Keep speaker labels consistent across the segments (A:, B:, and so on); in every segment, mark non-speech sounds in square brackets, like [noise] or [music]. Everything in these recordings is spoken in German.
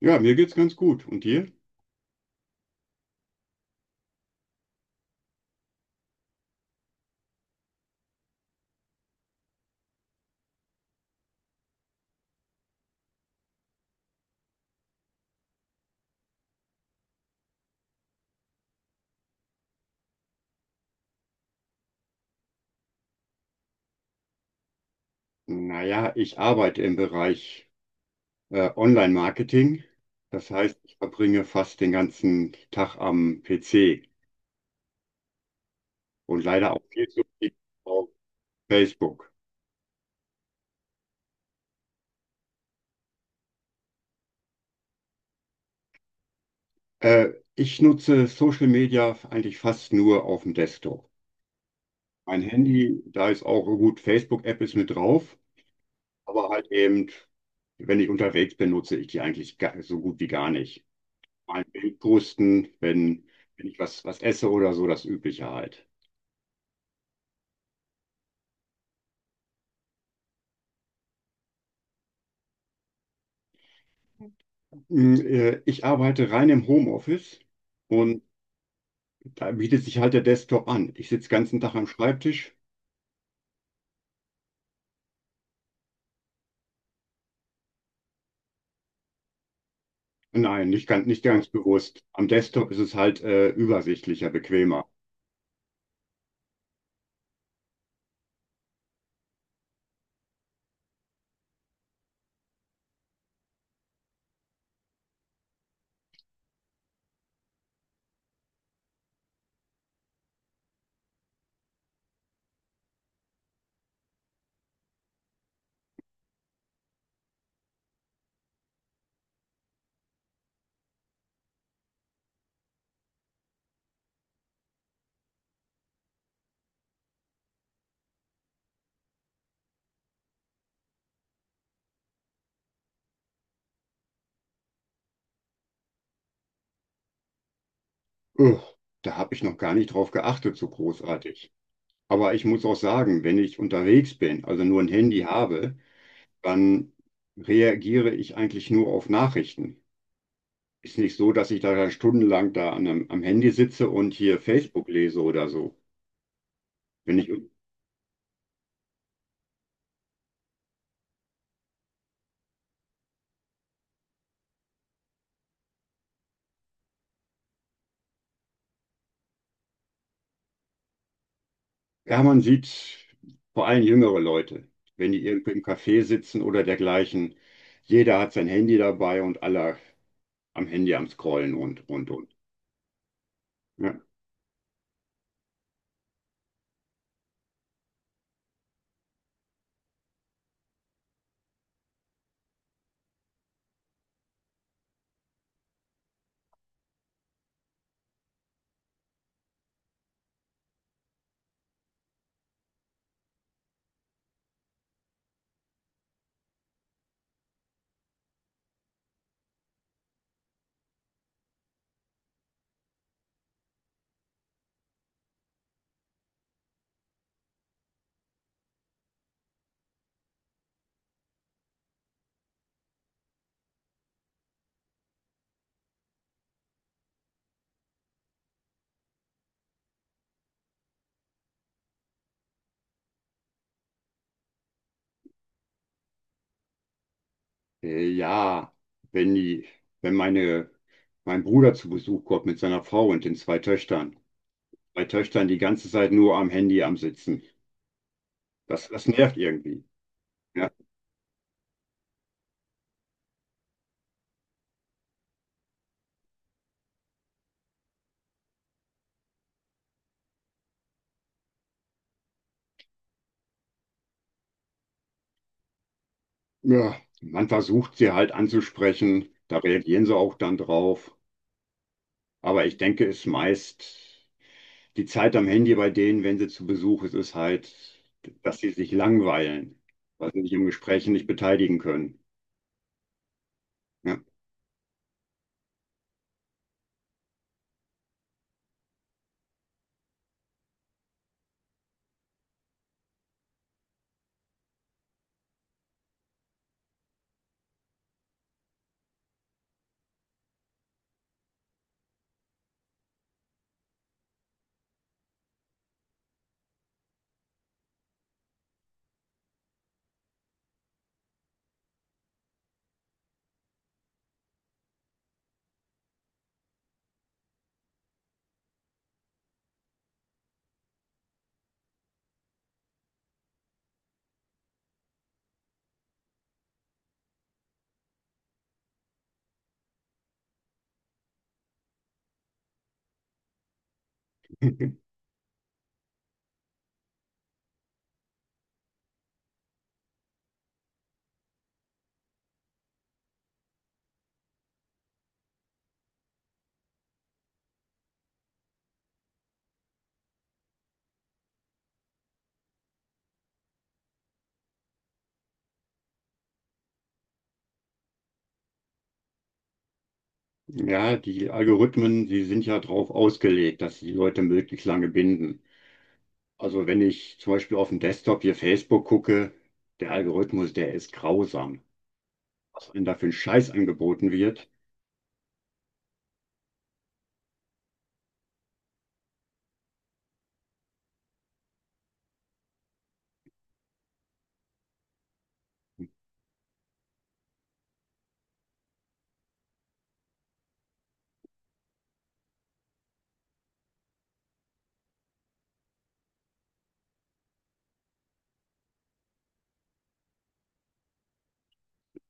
A: Ja, mir geht's ganz gut. Und dir? Naja, ich arbeite im Bereich Online-Marketing. Das heißt, ich verbringe fast den ganzen Tag am PC und leider auch viel zu viel auf Facebook. Äh, Ich nutze Social Media eigentlich fast nur auf dem Desktop. Mein Handy, da ist auch gut, Facebook-App ist mit drauf, aber halt eben, wenn ich unterwegs bin, nutze ich die eigentlich so gut wie gar nicht. Mein Bild posten, wenn ich was esse oder so, das Übliche halt. Ich arbeite rein im Homeoffice und da bietet sich halt der Desktop an. Ich sitze den ganzen Tag am Schreibtisch. Nein, nicht ganz, nicht ganz bewusst. Am Desktop ist es halt übersichtlicher, bequemer. Ugh, Da habe ich noch gar nicht drauf geachtet, so großartig. Aber ich muss auch sagen, wenn ich unterwegs bin, also nur ein Handy habe, dann reagiere ich eigentlich nur auf Nachrichten. Ist nicht so, dass ich da dann stundenlang da an, am am Handy sitze und hier Facebook lese oder so. Wenn ich Ja, man sieht vor allem jüngere Leute, wenn die irgendwo im Café sitzen oder dergleichen. Jeder hat sein Handy dabei und alle am Handy am Scrollen und. Ja, ja, wenn die, wenn meine, mein Bruder zu Besuch kommt mit seiner Frau und den zwei Töchtern. Zwei Töchtern die ganze Zeit nur am Handy am Sitzen. Das nervt irgendwie. Ja. Ja, man versucht sie halt anzusprechen, da reagieren sie auch dann drauf. Aber ich denke, es meist. Die Zeit am Handy bei denen, wenn sie zu Besuch ist, ist halt, dass sie sich langweilen, weil sie sich im Gespräch nicht beteiligen können. Ja. [laughs] Ja, die Algorithmen, die sind ja darauf ausgelegt, dass sie die Leute möglichst lange binden. Also wenn ich zum Beispiel auf dem Desktop hier Facebook gucke, der Algorithmus, der ist grausam. Was einem da für ein Scheiß angeboten wird.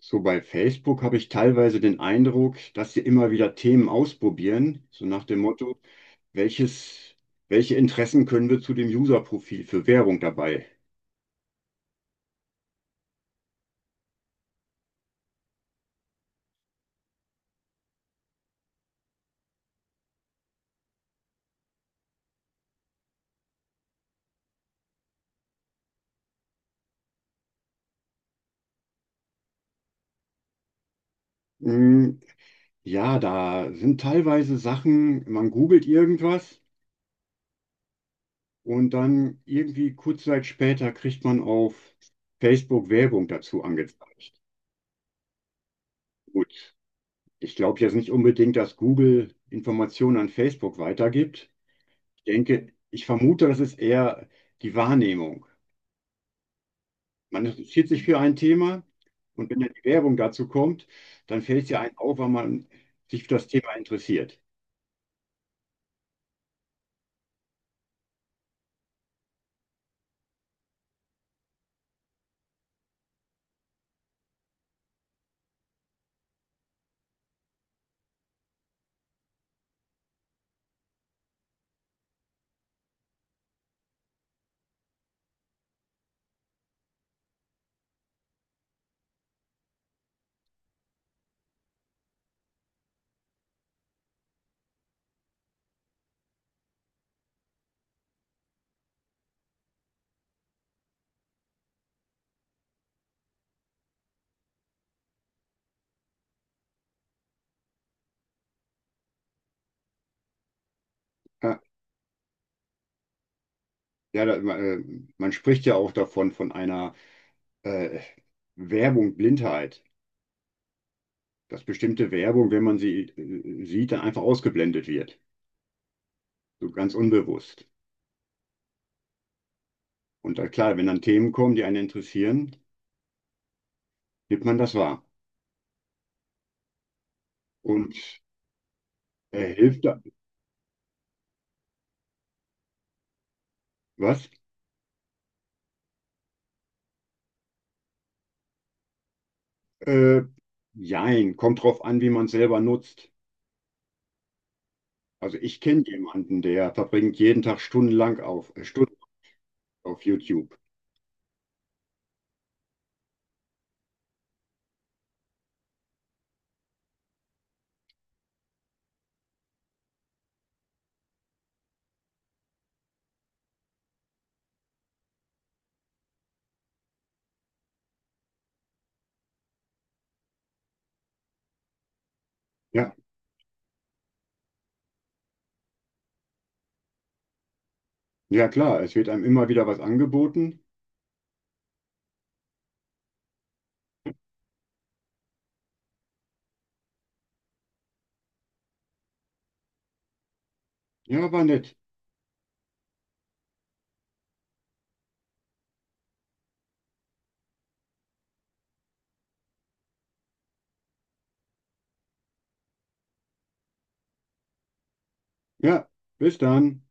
A: So bei Facebook habe ich teilweise den Eindruck, dass sie immer wieder Themen ausprobieren, so nach dem Motto, welches, welche Interessen können wir zu dem User-Profil für Werbung dabei? Hm, ja, da sind teilweise Sachen, man googelt irgendwas und dann irgendwie kurze Zeit später kriegt man auf Facebook Werbung dazu angezeigt. Gut, ich glaube jetzt nicht unbedingt, dass Google Informationen an Facebook weitergibt. Ich denke, ich vermute, das ist eher die Wahrnehmung. Man interessiert sich für ein Thema, und wenn dann die Werbung dazu kommt, dann fällt es ja einem auf, weil man sich für das Thema interessiert. Ja, ja, da, äh, man spricht ja auch davon, von einer äh, Werbung Blindheit, dass bestimmte Werbung, wenn man sie sieht, dann einfach ausgeblendet wird, so ganz unbewusst. Und dann, klar, wenn dann Themen kommen, die einen interessieren, nimmt man das wahr, und hilft da, was? Äh, Jein, kommt drauf an, wie man es selber nutzt. Also ich kenne jemanden, der verbringt jeden Tag stundenlang Stunden auf YouTube. Ja, ja klar, es wird einem immer wieder was angeboten. Ja, war nett. Ja, bis dann.